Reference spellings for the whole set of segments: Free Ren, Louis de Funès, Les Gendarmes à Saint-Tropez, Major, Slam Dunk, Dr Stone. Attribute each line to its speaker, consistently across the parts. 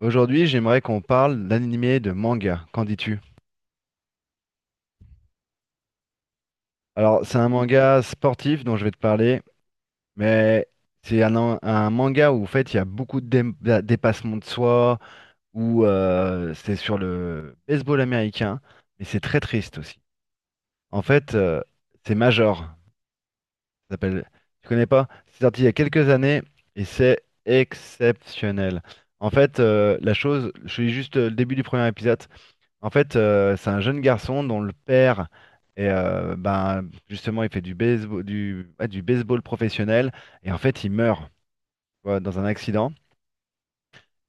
Speaker 1: Aujourd'hui, j'aimerais qu'on parle d'animé de manga. Qu'en dis-tu? Alors, c'est un manga sportif dont je vais te parler, mais c'est un manga où en fait il y a beaucoup de dépassement de soi, où c'est sur le baseball américain, mais c'est très triste aussi. En fait, c'est Major. Ça s'appelle. Tu connais pas? C'est sorti il y a quelques années et c'est exceptionnel. En fait, la chose, je suis juste le début du premier épisode. En fait, c'est un jeune garçon dont le père est, ben, justement, il fait du baseball, du, ouais, du baseball professionnel et en fait, il meurt tu vois, dans un accident.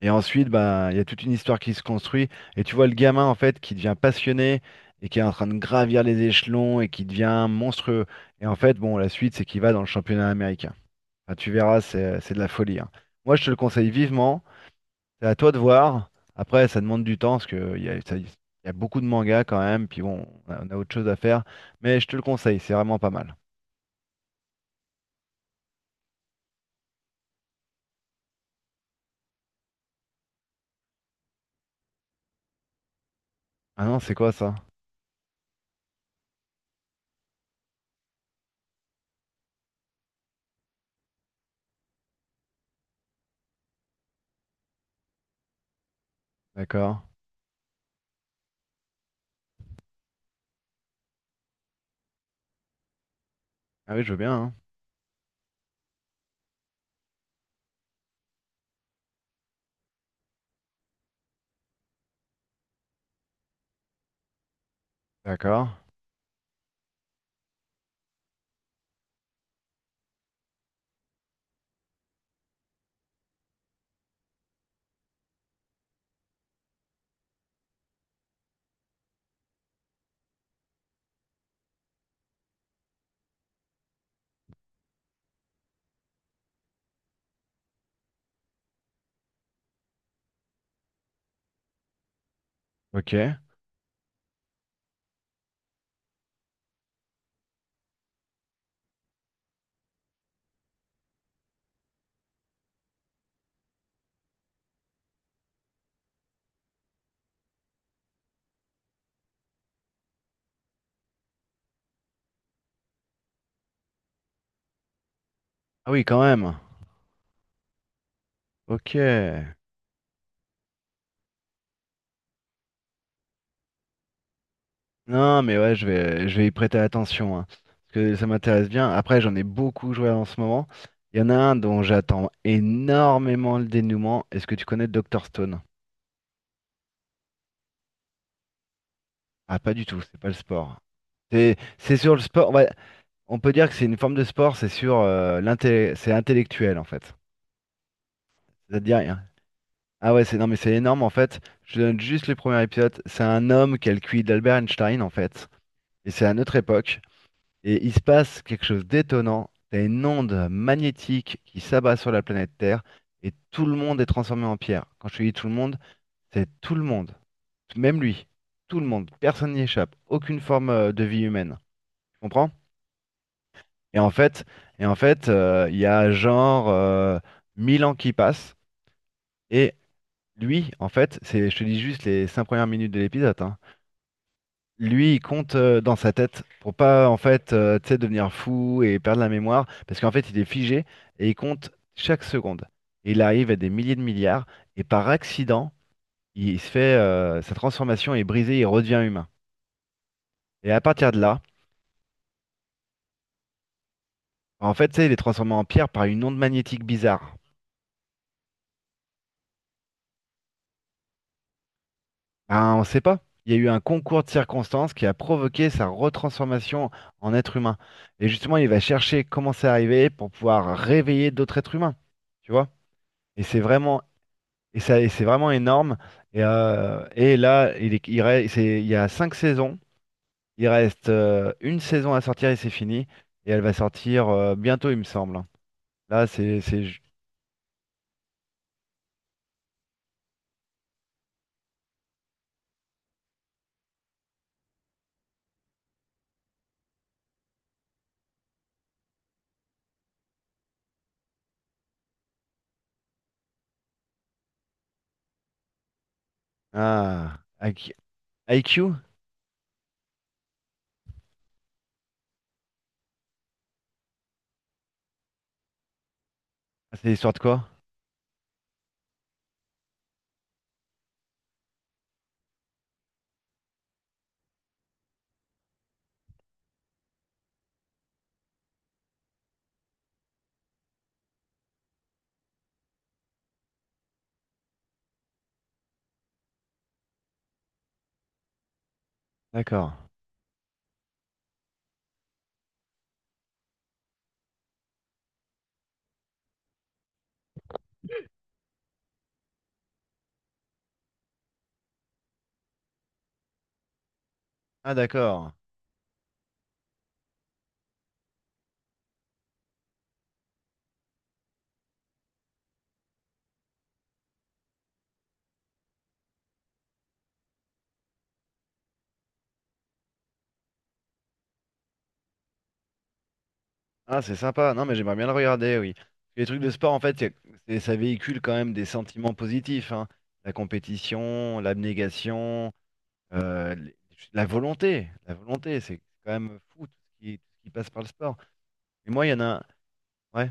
Speaker 1: Et ensuite, ben, il y a toute une histoire qui se construit et tu vois le gamin en fait qui devient passionné et qui est en train de gravir les échelons et qui devient monstrueux. Et en fait, bon, la suite, c'est qu'il va dans le championnat américain. Enfin, tu verras, c'est de la folie. Hein. Moi, je te le conseille vivement. C'est à toi de voir. Après, ça demande du temps parce qu'il y a, il y a beaucoup de mangas quand même. Puis bon, on a autre chose à faire. Mais je te le conseille, c'est vraiment pas mal. Ah non, c'est quoi ça? D'accord. Ah oui, je veux bien. Hein. D'accord. Ok. Ah oui, quand même. Ok. Non, mais ouais, je vais y prêter attention. Hein, parce que ça m'intéresse bien. Après, j'en ai beaucoup joué en ce moment. Il y en a un dont j'attends énormément le dénouement. Est-ce que tu connais Dr Stone? Ah, pas du tout, c'est pas le sport. C'est sur le sport. Ouais, on peut dire que c'est une forme de sport, c'est sur l'intellect, c'est intellectuel en fait. Ça te dit rien. Ah ouais, c'est non mais c'est énorme en fait. Je te donne juste les premiers épisodes. C'est un homme qui a le QI d'Albert Einstein en fait, et c'est à notre époque. Et il se passe quelque chose d'étonnant. T'as une onde magnétique qui s'abat sur la planète Terre et tout le monde est transformé en pierre. Quand je te dis tout le monde, c'est tout le monde, même lui, tout le monde. Personne n'y échappe. Aucune forme de vie humaine. Tu comprends? Et en fait, et en fait, il y a genre 1000 ans qui passent. Et lui, en fait, c'est, je te dis juste les 5 premières minutes de l'épisode. Hein. Lui, il compte dans sa tête pour pas en fait, tu sais, devenir fou et perdre la mémoire, parce qu'en fait, il est figé et il compte chaque seconde. Et il arrive à des milliers de milliards. Et par accident, il se fait sa transformation est brisée, il redevient humain. Et à partir de là, en fait, tu sais, il est transformé en pierre par une onde magnétique bizarre. Ben, on ne sait pas. Il y a eu un concours de circonstances qui a provoqué sa retransformation en être humain. Et justement, il va chercher comment c'est arrivé pour pouvoir réveiller d'autres êtres humains. Tu vois? Et c'est vraiment, et c'est vraiment énorme. Et là, il y a cinq saisons. Il reste une saison à sortir et c'est fini. Et elle va sortir bientôt, il me semble. Hein. Là, ah, IQ? IQ? Ah, c'est sorti quoi? D'accord. Ah, d'accord. Ah, c'est sympa. Non, mais j'aimerais bien le regarder, oui. Les trucs de sport, en fait, ça véhicule quand même des sentiments positifs, hein. La compétition, l'abnégation, euh, les- la volonté. La volonté, c'est quand même fou tout tout ce qui passe par le sport. Mais moi, il y en a un. Ouais,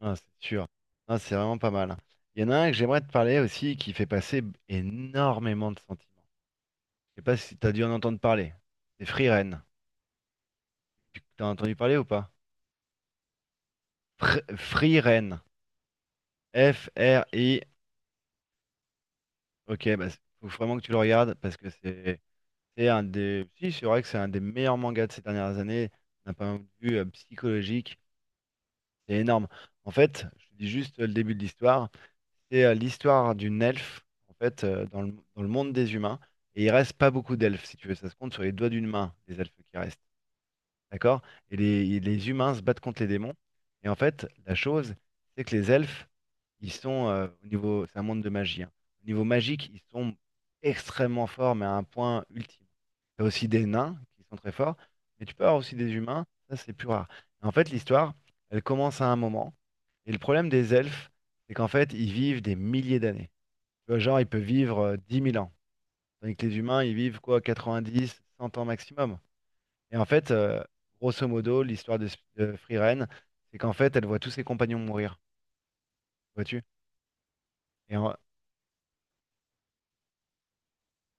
Speaker 1: non, c'est sûr. Non, c'est vraiment pas mal. Hein. Il y en a un que j'aimerais te parler aussi qui fait passer énormément de sentiments. Je sais pas si tu as dû en entendre parler. C'est Free Ren. Tu as entendu parler ou pas? Free Ren. F-R-I. Ok, bah, faut vraiment que tu le regardes parce que c'est un des. Si, c'est vrai que c'est un des meilleurs mangas de ces dernières années, d'un point de vue psychologique. C'est énorme. En fait, je te dis juste le début de l'histoire. C'est l'histoire d'une elfe, en fait, dans le monde des humains. Et il reste pas beaucoup d'elfes, si tu veux. Ça se compte sur les doigts d'une main, les elfes qui restent. D'accord? Et les humains se battent contre les démons. Et en fait, la chose, c'est que les elfes, ils sont au niveau, c'est un monde de magie. Hein. Au niveau magique, ils sont extrêmement forts, mais à un point ultime. T'as aussi des nains qui sont très forts, mais tu peux avoir aussi des humains, ça c'est plus rare. En fait, l'histoire, elle commence à un moment, et le problème des elfes, c'est qu'en fait, ils vivent des milliers d'années. Tu vois, genre, ils peuvent vivre 10 000 ans, tandis que les humains, ils vivent quoi, 90, 100 ans maximum. Et en fait, grosso modo, l'histoire de Free Ren, c'est qu'en fait, elle voit tous ses compagnons mourir, vois-tu? Et en-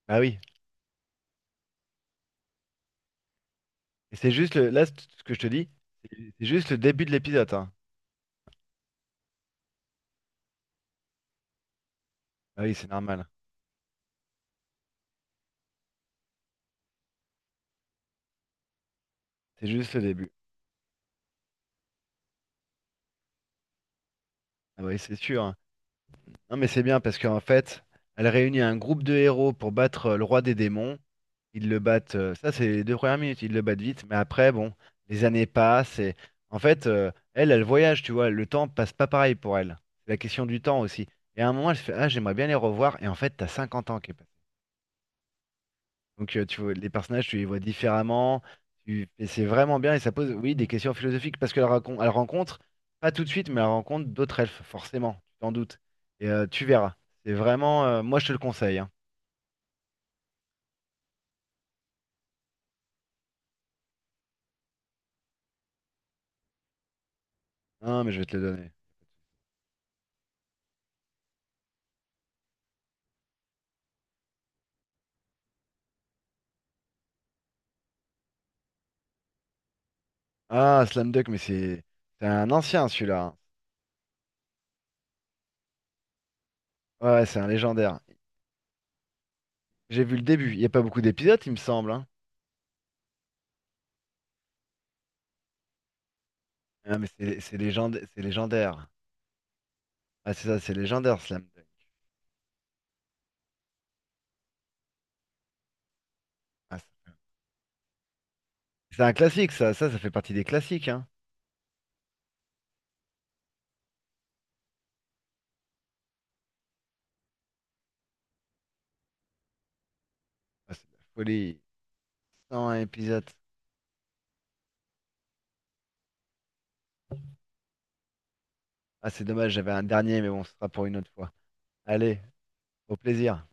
Speaker 1: Bah oui. Et c'est juste le... là, ce que je te dis, c'est juste le début de l'épisode. Hein. Ah oui, c'est normal. C'est juste le début. Ah oui, c'est sûr. Hein. Non, mais c'est bien parce qu'en fait, elle réunit un groupe de héros pour battre le roi des démons. Ils le battent, ça c'est les 2 premières minutes, ils le battent vite, mais après, bon, les années passent et en fait, elle, elle voyage, tu vois, le temps passe pas pareil pour elle. C'est la question du temps aussi. Et à un moment, elle se fait, ah, j'aimerais bien les revoir, et en fait, t'as 50 ans qui est donc, tu vois, les personnages, tu les vois différemment. Tu... Et c'est vraiment bien. Et ça pose, oui, des questions philosophiques. Parce qu'elle racon- elle rencontre, pas tout de suite, mais elle rencontre d'autres elfes, forcément. Tu t'en doutes. Et tu verras. C'est vraiment. Moi, je te le conseille. Hein. Ah, mais je vais te le donner. Ah, Slam Dunk, mais c'est un ancien, celui-là. Hein. Ouais, ouais, c'est un légendaire. J'ai vu le début. Il n'y a pas beaucoup d'épisodes, il me semble. Hein. Ah, mais c'est légendaire. Ah, c'est ça, c'est légendaire, Slam Dunk. Ah, c'est un classique, ça. Ça fait partie des classiques. Hein. Ah, c'est de la folie. 101 épisodes. Ah, c'est dommage, j'avais un dernier, mais bon, ce sera pour une autre fois. Allez, au plaisir.